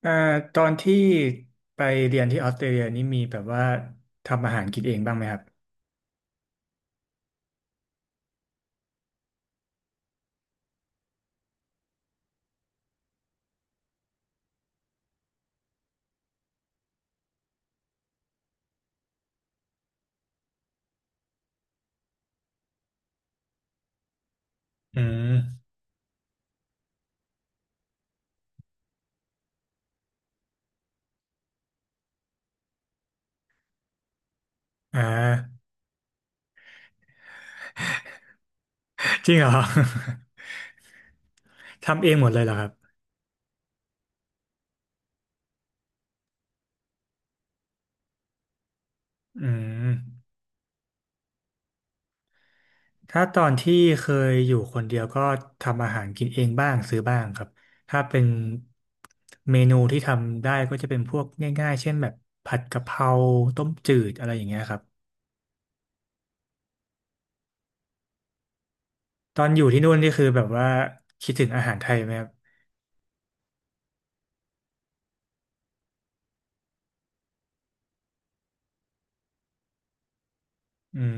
เอ่อตอนที่ไปเรียนที่ออสเตรเลียนี่มีแบบว่าทำอาหารกินเองบ้างไหมครับอืมอ่าจริงเหรอ ทำเองหมดเลยเหรอครับอืมถ้าตอนที่เคยอยู่คนเดียวก็ทำอาหารกินเองบ้างซื้อบ้างครับ ถ้าเป็นเมนูที่ทำได้ก็จะเป็นพวกง่ายๆเช่นแบบผัดกะเพราต้มจืดอะไรอย่างเงี้ยครับตอนอยู่ที่นู่นนี่คือแบบว่าคิดถึงอาหารไทยไหมครับอืม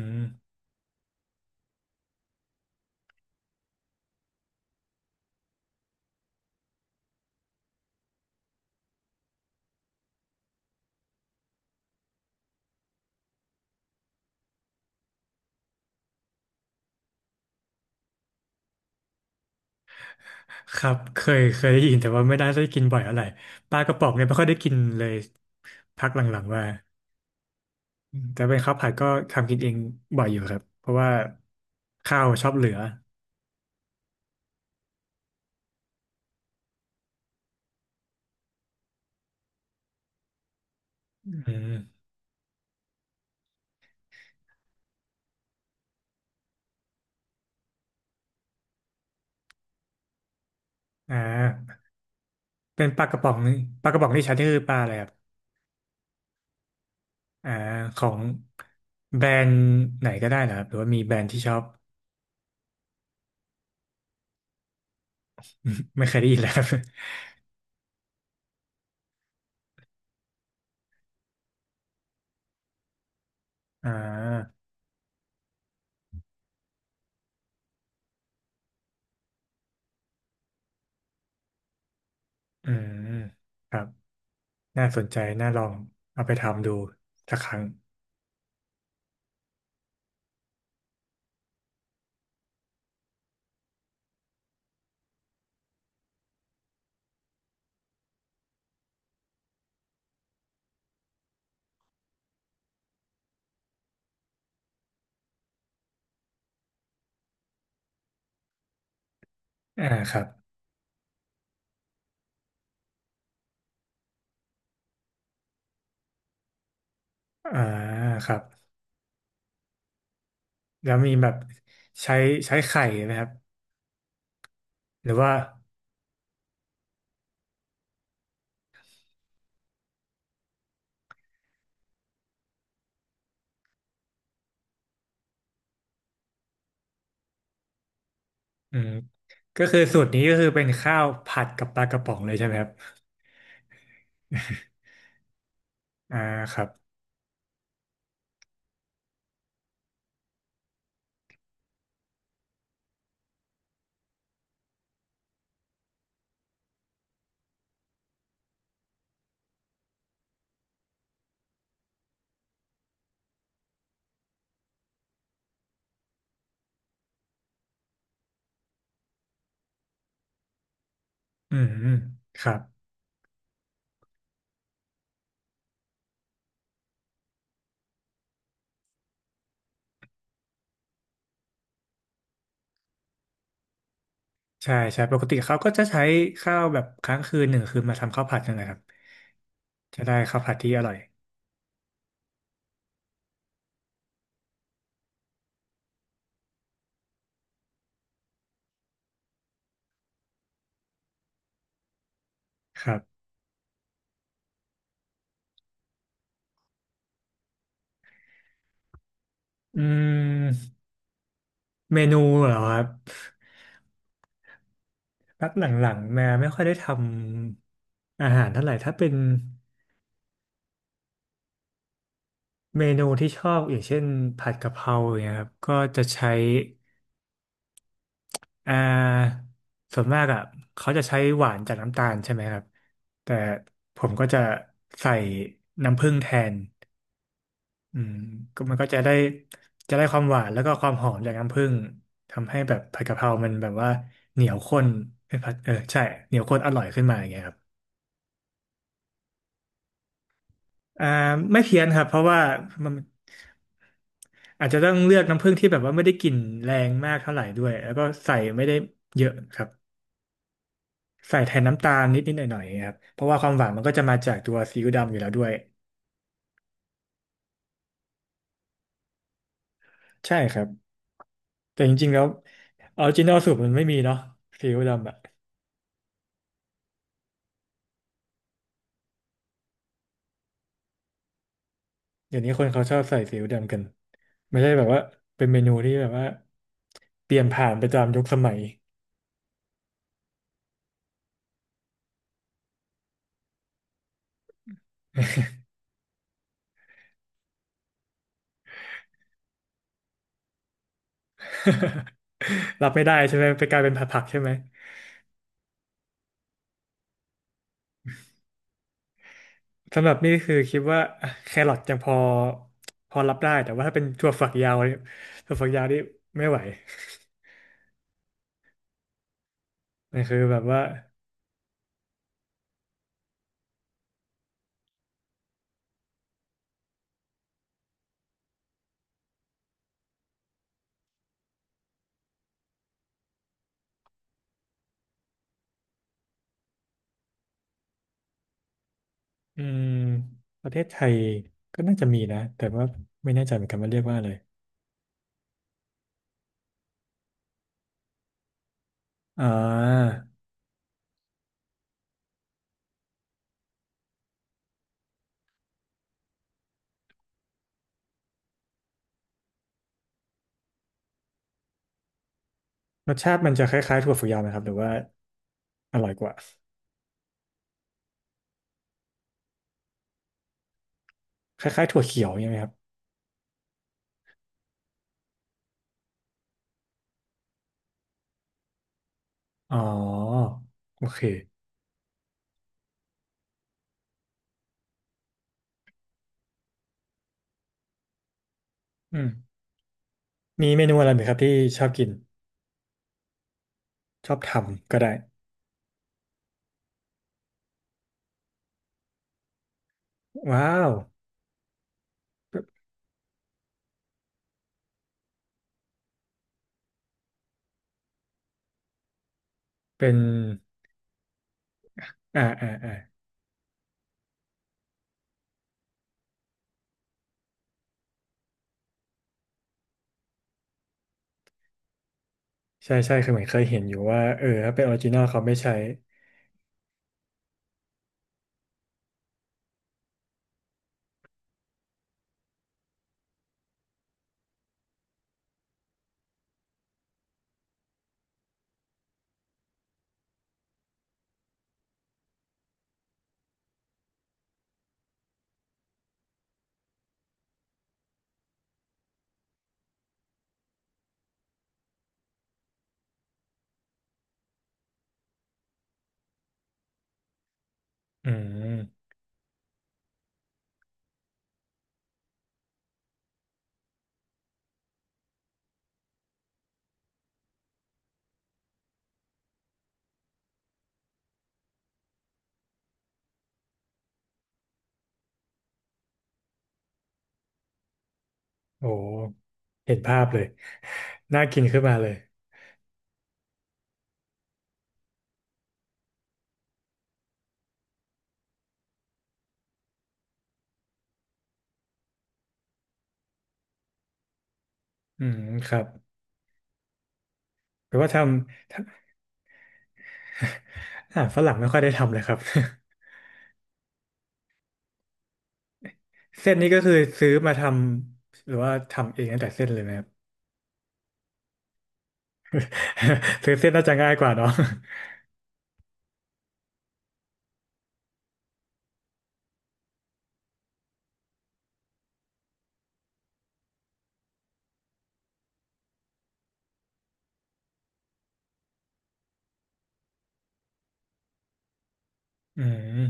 ครับเคยได้ยินแต่ว่าไม่ได้กินบ่อยอะไรปลากระป๋องเนี่ยไม่ค่อยได้กินเลยพักหลังๆมาอืมแต่เป็นข้าวผัดก็ทำกินเองบ่อยอยู่ครับเพราะว่าข้าวชอบเหลืออืมอ่าเป็นปลากระป๋องนี่ปลากระป๋องที่ใช้นี่คือปลาอะไรครับอ่าของแบรนด์ไหนก็ได้นะครับหรือว่ามีแบรนด์ที่ชอบ ไม่เคยได้ยินแล้วครับ อ่าอืมครับน่าสนใจน่าลองเอาไปทำดูสักครั้งอ่าครับอ่าครับ แล้วมีแบบใช้ใช้ไข่ไหมครับหรือว่าอืมก็คือสูตรนี้ก็คือเป็นข้าวผัดกับปลากระป๋องเลยใช่ไหมครับอ่าครับอืมอืมครับใช่ใช่ปกติเขาก็จะใช้ข้าวแบบค้างคืนหนึ่งคืนมาทำข้าวผัดกันนะครับจะได้ข้าวผัดที่อร่อยครับอืมเมนูเหรอครับพักหลังๆแม่ไม่ค่อยได้ทำอาหารเท่าไหร่ถ้าเป็นเมนูที่ชอบอย่างเช่นผัดกะเพราอย่างเงี้ยครับก็จะใช้ อ่าส่วนมากอ่ะเขาจะใช้หวานจากน้ำตาลใช่ไหมครับแต่ผมก็จะใส่น้ำผึ้งแทนอืมก็มันก็จะได้จะได้ความหวานแล้วก็ความหอมจากน้ำผึ้งทำให้แบบผัดกะเพรามันแบบว่าเหนียวข้นเอ้ยผัดเออใช่เหนียวข้นอร่อยขึ้นมาอย่างเงี้ยครับอ่าไม่เพี้ยนครับเพราะว่ามันอาจจะต้องเลือกน้ำผึ้งที่แบบว่าไม่ได้กลิ่นแรงมากเท่าไหร่ด้วยแล้วก็ใส่ไม่ได้เยอะครับ ใส่แทนน้ำตาลนิดนิดหน่อยหน่อยครับเพราะว่าความหวานมันก็จะมาจากตัวซีอิ๊วดำอยู่แล้วด้วยใช่ครับแต่จริงๆแล้วออริจินอลสูตรมันไม่มีเนาะซีอิ๊วดำอะเดี๋ยวนี้คนเขาชอบใส่ซีอิ๊วดำกันไม่ใช่แบบว่าเป็นเมนูที่แบบว่าเปลี่ยนผ่านไปตามยุคสมัย รับไม่ได้ใช่ไหมไปกลายเป็นผัดผักใช่ไหมสำหรับนี่คือคิดว่าแครอทยังพอพอรับได้แต่ว่าถ้าเป็นถั่วฝักยาวเนี่ยถั่วฝักยาวนี่ไม่ไหว มันคือแบบว่า อืมประเทศไทยก็น่าจะมีนะแต่ว่าไม่แน่ใจเหมือนกันว่าเรียกว่าอะไรอ่ารสชาติมันจะคล้ายๆถั่วฝักยาวไหมครับหรือว่าอร่อยกว่าคล้ายๆถั่วเขียวใช่างเงี้ยไหมครับอ๋อโอเคอืมมีเมนูอะไรไหมครับที่ชอบกินชอบทำก็ได้ว้าวเป็นอ่าอ่าอ่าใช่ใช่คือเหมือนเคยเห็นอยู่ว่าเออถ้าเป็นออริจินอลเขาไม่ใช้อืมโอ้เห็นภาพเลย น่ากินขึ้นมาเลยอืมครับแปลว่าทำ อาหารฝรั่งไม่ค่อยได้ทำเลยครับ เส้นนี้ก็คือซื้อมาทำหรือว่าทำเองตั้งแต่เส้นเลยไหมครับ ซื้อเส้นน่าจะง่ายกว่าเนาะ อืม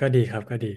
ก็ดีครับก็ดี